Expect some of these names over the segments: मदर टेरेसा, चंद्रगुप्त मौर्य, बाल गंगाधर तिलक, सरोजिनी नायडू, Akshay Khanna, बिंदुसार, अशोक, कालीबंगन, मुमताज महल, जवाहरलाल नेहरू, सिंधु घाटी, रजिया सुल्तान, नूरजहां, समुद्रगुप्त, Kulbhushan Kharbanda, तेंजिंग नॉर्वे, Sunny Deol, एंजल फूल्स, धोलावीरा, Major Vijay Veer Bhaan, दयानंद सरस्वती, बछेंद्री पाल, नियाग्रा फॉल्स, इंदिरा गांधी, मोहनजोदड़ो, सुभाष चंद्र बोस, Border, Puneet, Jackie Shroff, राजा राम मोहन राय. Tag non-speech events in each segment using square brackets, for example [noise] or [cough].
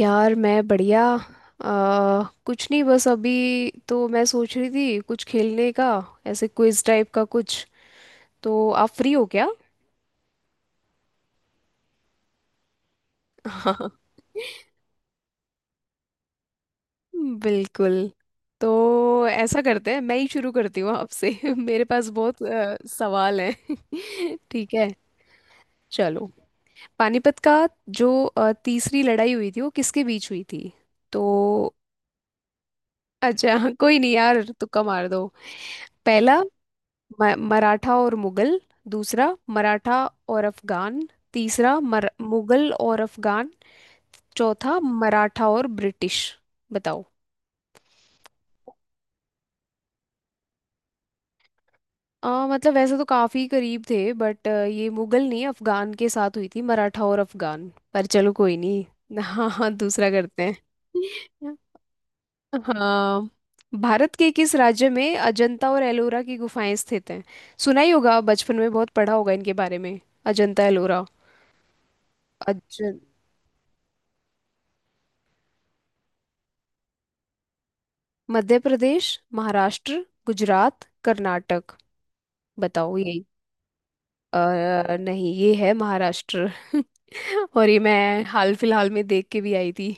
यार मैं बढ़िया कुछ नहीं। बस अभी तो मैं सोच रही थी कुछ खेलने का, ऐसे क्विज टाइप का कुछ। तो आप फ्री हो क्या? [laughs] हाँ, बिल्कुल। तो ऐसा करते हैं, मैं ही शुरू करती हूँ आपसे। [laughs] मेरे पास बहुत सवाल हैं। [laughs] ठीक है, चलो। पानीपत का जो तीसरी लड़ाई हुई थी वो किसके बीच हुई थी? तो अच्छा। [laughs] कोई नहीं यार, तुक्का मार दो। पहला, मराठा और मुगल। दूसरा, मराठा और अफगान। तीसरा, मुगल और अफगान। चौथा, मराठा और ब्रिटिश। बताओ। मतलब वैसे तो काफी करीब थे, बट ये मुगल नहीं, अफगान के साथ हुई थी, मराठा और अफगान। पर चलो कोई नहीं। [laughs] हाँ हाँ, दूसरा करते हैं। हाँ, भारत के किस राज्य में अजंता और एलोरा की गुफाएं स्थित हैं? सुना ही होगा, बचपन में बहुत पढ़ा होगा इनके बारे में, अजंता एलोरा। अज, मध्य प्रदेश, महाराष्ट्र, गुजरात, कर्नाटक। बताओ ये। नहीं, ये है महाराष्ट्र। [laughs] और ये मैं हाल फिलहाल में देख के भी आई थी।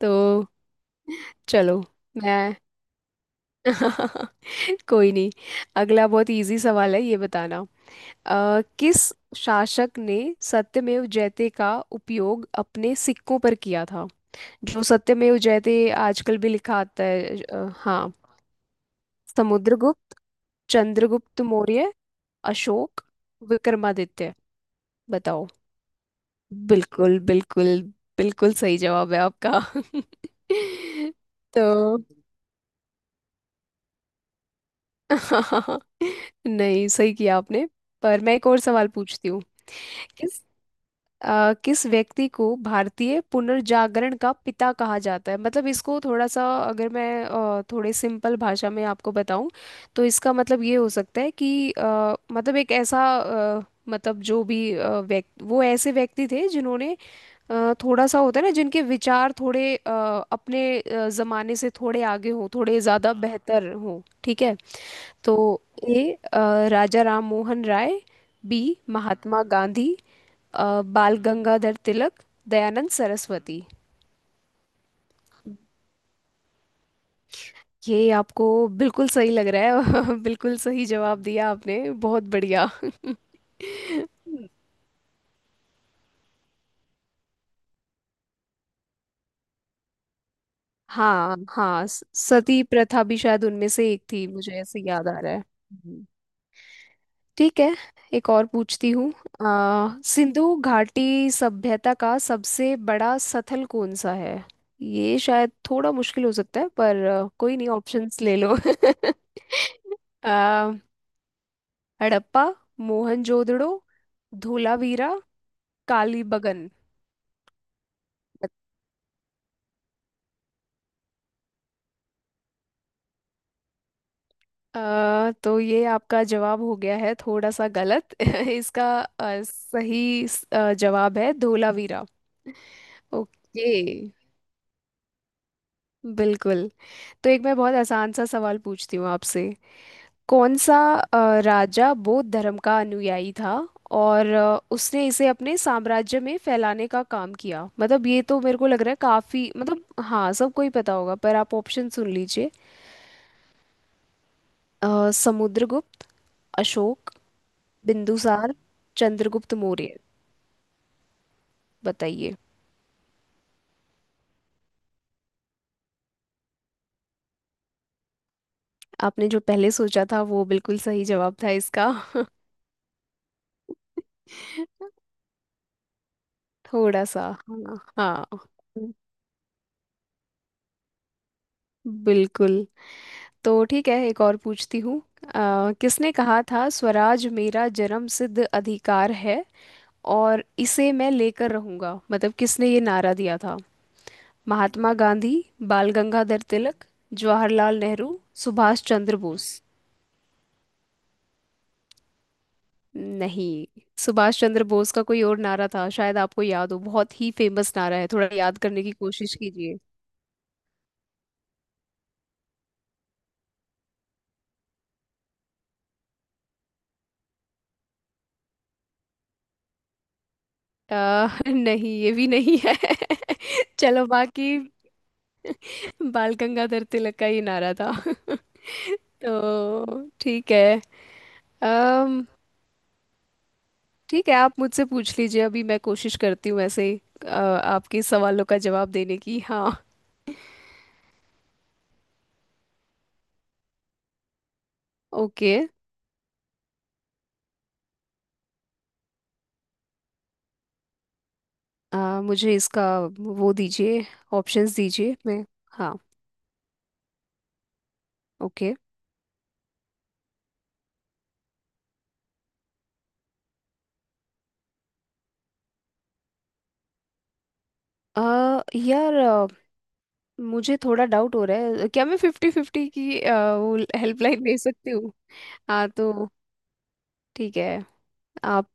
तो चलो। मैं [laughs] कोई नहीं। अगला बहुत इजी सवाल है, ये बताना किस शासक ने सत्यमेव जयते का उपयोग अपने सिक्कों पर किया था? जो सत्यमेव जयते आजकल भी लिखा आता है। हाँ। समुद्रगुप्त, चंद्रगुप्त मौर्य, अशोक, विक्रमादित्य। बताओ। बिल्कुल बिल्कुल, बिल्कुल सही जवाब है आपका। [laughs] तो [laughs] नहीं, सही किया आपने। पर मैं एक और सवाल पूछती हूँ। किस किस व्यक्ति को भारतीय पुनर्जागरण का पिता कहा जाता है? मतलब इसको थोड़ा सा अगर मैं थोड़े सिंपल भाषा में आपको बताऊं, तो इसका मतलब ये हो सकता है कि मतलब एक ऐसा मतलब जो भी व्यक्ति वो ऐसे व्यक्ति थे जिन्होंने थोड़ा सा होता है ना जिनके विचार थोड़े अपने जमाने से थोड़े आगे हों, थोड़े ज़्यादा, हाँ हाँ बेहतर हों, ठीक है। तो ए, अ, राजा राम मोहन राय। बी, हाँ, महात्मा गांधी। बाल गंगाधर तिलक। दयानंद सरस्वती। ये आपको बिल्कुल सही लग रहा है। [laughs] बिल्कुल सही जवाब दिया आपने। बहुत बढ़िया। [laughs] हाँ हाँ, सती प्रथा भी शायद उनमें से एक थी, मुझे ऐसे याद आ रहा है। हम्म। ठीक है, एक और पूछती हूँ। सिंधु घाटी सभ्यता का सबसे बड़ा स्थल कौन सा है? ये शायद थोड़ा मुश्किल हो सकता है, पर कोई नहीं, ऑप्शंस ले लो। [laughs] आ, हड़प्पा, मोहनजोदड़ो, धोलावीरा, कालीबंगन। तो ये आपका जवाब हो गया है थोड़ा सा गलत। [laughs] इसका सही जवाब है धोलावीरा। ओके बिल्कुल। तो एक मैं बहुत आसान सा सवाल पूछती हूँ आपसे। कौन सा राजा बौद्ध धर्म का अनुयायी था और उसने इसे अपने साम्राज्य में फैलाने का काम किया? मतलब ये तो मेरे को लग रहा है, काफी मतलब, हाँ सबको ही पता होगा, पर आप ऑप्शन सुन लीजिए। समुद्रगुप्त, अशोक, बिंदुसार, चंद्रगुप्त मौर्य। बताइए। आपने जो पहले सोचा था वो बिल्कुल सही जवाब था इसका। [laughs] थोड़ा सा, हाँ हाँ, बिल्कुल। तो ठीक है, एक और पूछती हूँ। किसने कहा था स्वराज मेरा जन्म सिद्ध अधिकार है और इसे मैं लेकर रहूंगा? मतलब किसने ये नारा दिया था? महात्मा गांधी, बाल गंगाधर तिलक, जवाहरलाल नेहरू, सुभाष चंद्र बोस। नहीं, सुभाष चंद्र बोस का कोई और नारा था, शायद आपको याद हो, बहुत ही फेमस नारा है, थोड़ा याद करने की कोशिश कीजिए। अ, [laughs] नहीं, ये भी नहीं है। [laughs] चलो बाकी, [laughs] बाल गंगाधर तिलक का ही नारा था। [laughs] तो ठीक है। अम ठीक है, आप मुझसे पूछ लीजिए, अभी मैं कोशिश करती हूँ ऐसे आपके सवालों का जवाब देने की, हाँ। ओके। अ, मुझे इसका वो दीजिए, ऑप्शंस दीजिए, मैं। हाँ, ओके। अ, यार मुझे थोड़ा डाउट हो रहा है, क्या मैं फिफ्टी फिफ्टी की वो हेल्पलाइन ले सकती हूँ? हाँ, तो ठीक है आप।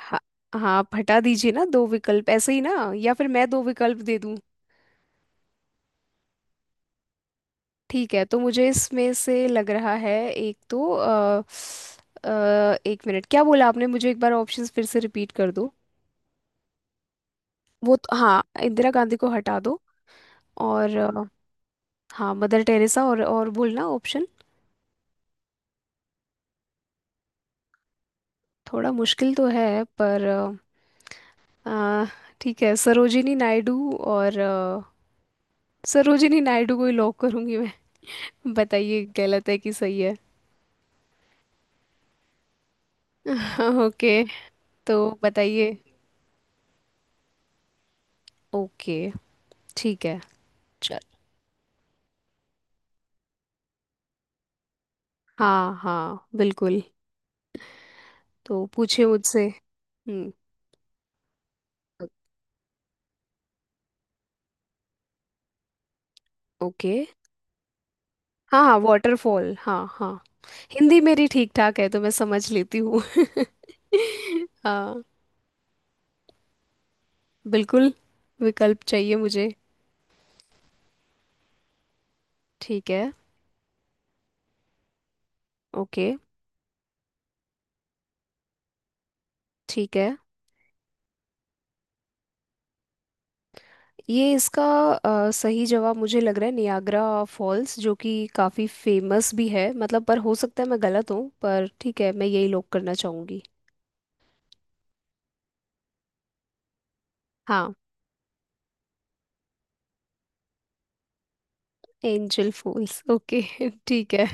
हाँ हाँ, हटा दीजिए ना दो विकल्प ऐसे ही ना, या फिर मैं दो विकल्प दे दूं। ठीक है तो मुझे इसमें से लग रहा है एक तो अ, एक मिनट, क्या बोला आपने? मुझे एक बार ऑप्शंस फिर से रिपीट कर दो। वो तो हाँ, इंदिरा गांधी को हटा दो। और हाँ, मदर टेरेसा, और बोलना ऑप्शन। थोड़ा मुश्किल तो है पर अ, ठीक है, सरोजिनी नायडू, और सरोजिनी नायडू को ही लॉक करूंगी मैं। [laughs] बताइए, गलत है कि सही है? [laughs] ओके। तो बताइए। ओके ठीक है। चल, हाँ हाँ, बिल्कुल। तो पूछे मुझसे। हम्म। ओ- ओके। हाँ हाँ वाटरफॉल, हाँ हाँ। हिंदी मेरी ठीक ठाक है तो मैं समझ लेती हूँ। [laughs] हाँ, बिल्कुल। विकल्प चाहिए मुझे। ठीक है। ओके। ठीक है। ये इसका सही जवाब मुझे लग रहा है नियाग्रा फॉल्स, जो कि काफ़ी फेमस भी है, मतलब। पर हो सकता है मैं गलत हूँ, पर ठीक है, मैं यही लॉक करना चाहूँगी। हाँ। एंजल फूल्स, ओके। [laughs] ठीक है।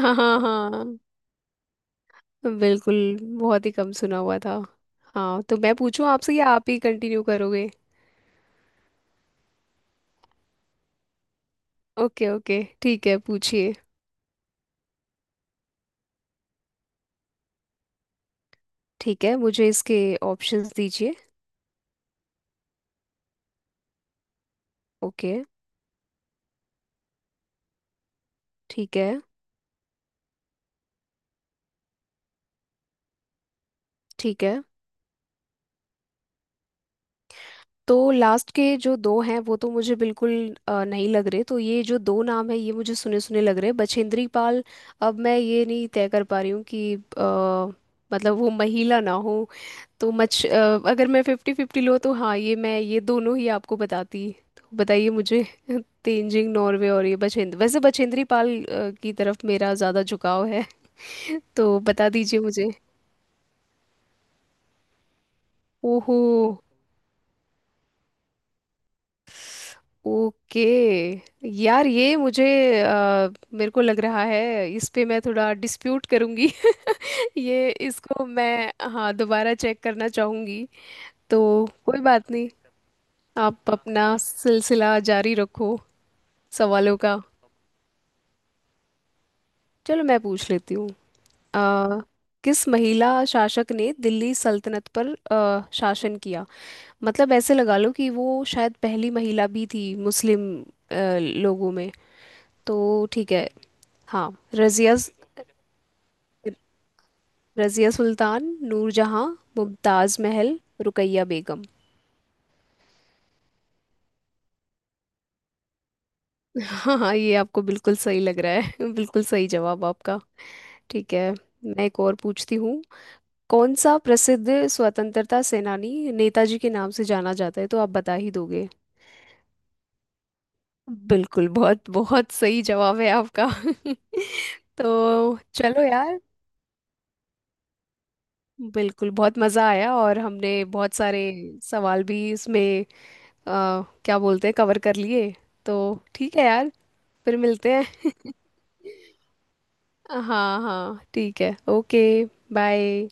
हाँ हाँ हाँ, बिल्कुल, बहुत ही कम सुना हुआ था। हाँ, तो मैं पूछूं आपसे, या आप ही कंटिन्यू करोगे? ओके ओके, ठीक है, पूछिए। ठीक है, मुझे इसके ऑप्शंस दीजिए। ओके। ठीक है। ठीक है। तो लास्ट के जो दो हैं वो तो मुझे बिल्कुल नहीं लग रहे, तो ये जो दो नाम है ये मुझे सुने सुने लग रहे हैं, बछेंद्री पाल। अब मैं ये नहीं तय कर पा रही हूँ कि मतलब वो महिला ना हो, तो मच अगर मैं फिफ्टी फिफ्टी लो तो हाँ, ये मैं ये दोनों ही आपको बताती। तो बताइए मुझे। [laughs] तेंजिंग नॉर्वे और ये बछेंद्र, वैसे बछेंद्री पाल की तरफ मेरा ज़्यादा झुकाव है। [laughs] तो बता दीजिए मुझे। ओहो, ओके। यार ये मुझे अ, मेरे को लग रहा है इस पे मैं थोड़ा डिस्प्यूट करूंगी। [laughs] ये इसको मैं हाँ दोबारा चेक करना चाहूंगी। तो कोई बात नहीं, आप अपना सिलसिला जारी रखो सवालों का। चलो मैं पूछ लेती हूँ। अ, किस महिला शासक ने दिल्ली सल्तनत पर शासन किया? मतलब ऐसे लगा लो कि वो शायद पहली महिला भी थी मुस्लिम लोगों में। तो ठीक है, हाँ। रजिया, रजिया सुल्तान, नूरजहां, मुमताज महल, रुकैया बेगम। हाँ हाँ, ये आपको बिल्कुल सही लग रहा है। [laughs] बिल्कुल सही जवाब आपका। ठीक है, मैं एक और पूछती हूँ। कौन सा प्रसिद्ध स्वतंत्रता सेनानी नेताजी के नाम से जाना जाता है? तो आप बता ही दोगे। बिल्कुल, बहुत बहुत सही जवाब है आपका। [laughs] तो चलो यार, बिल्कुल बहुत मज़ा आया, और हमने बहुत सारे सवाल भी इसमें अ, क्या बोलते हैं, कवर कर लिए। तो ठीक है यार, फिर मिलते हैं। हाँ हाँ, ठीक है, ओके, बाय।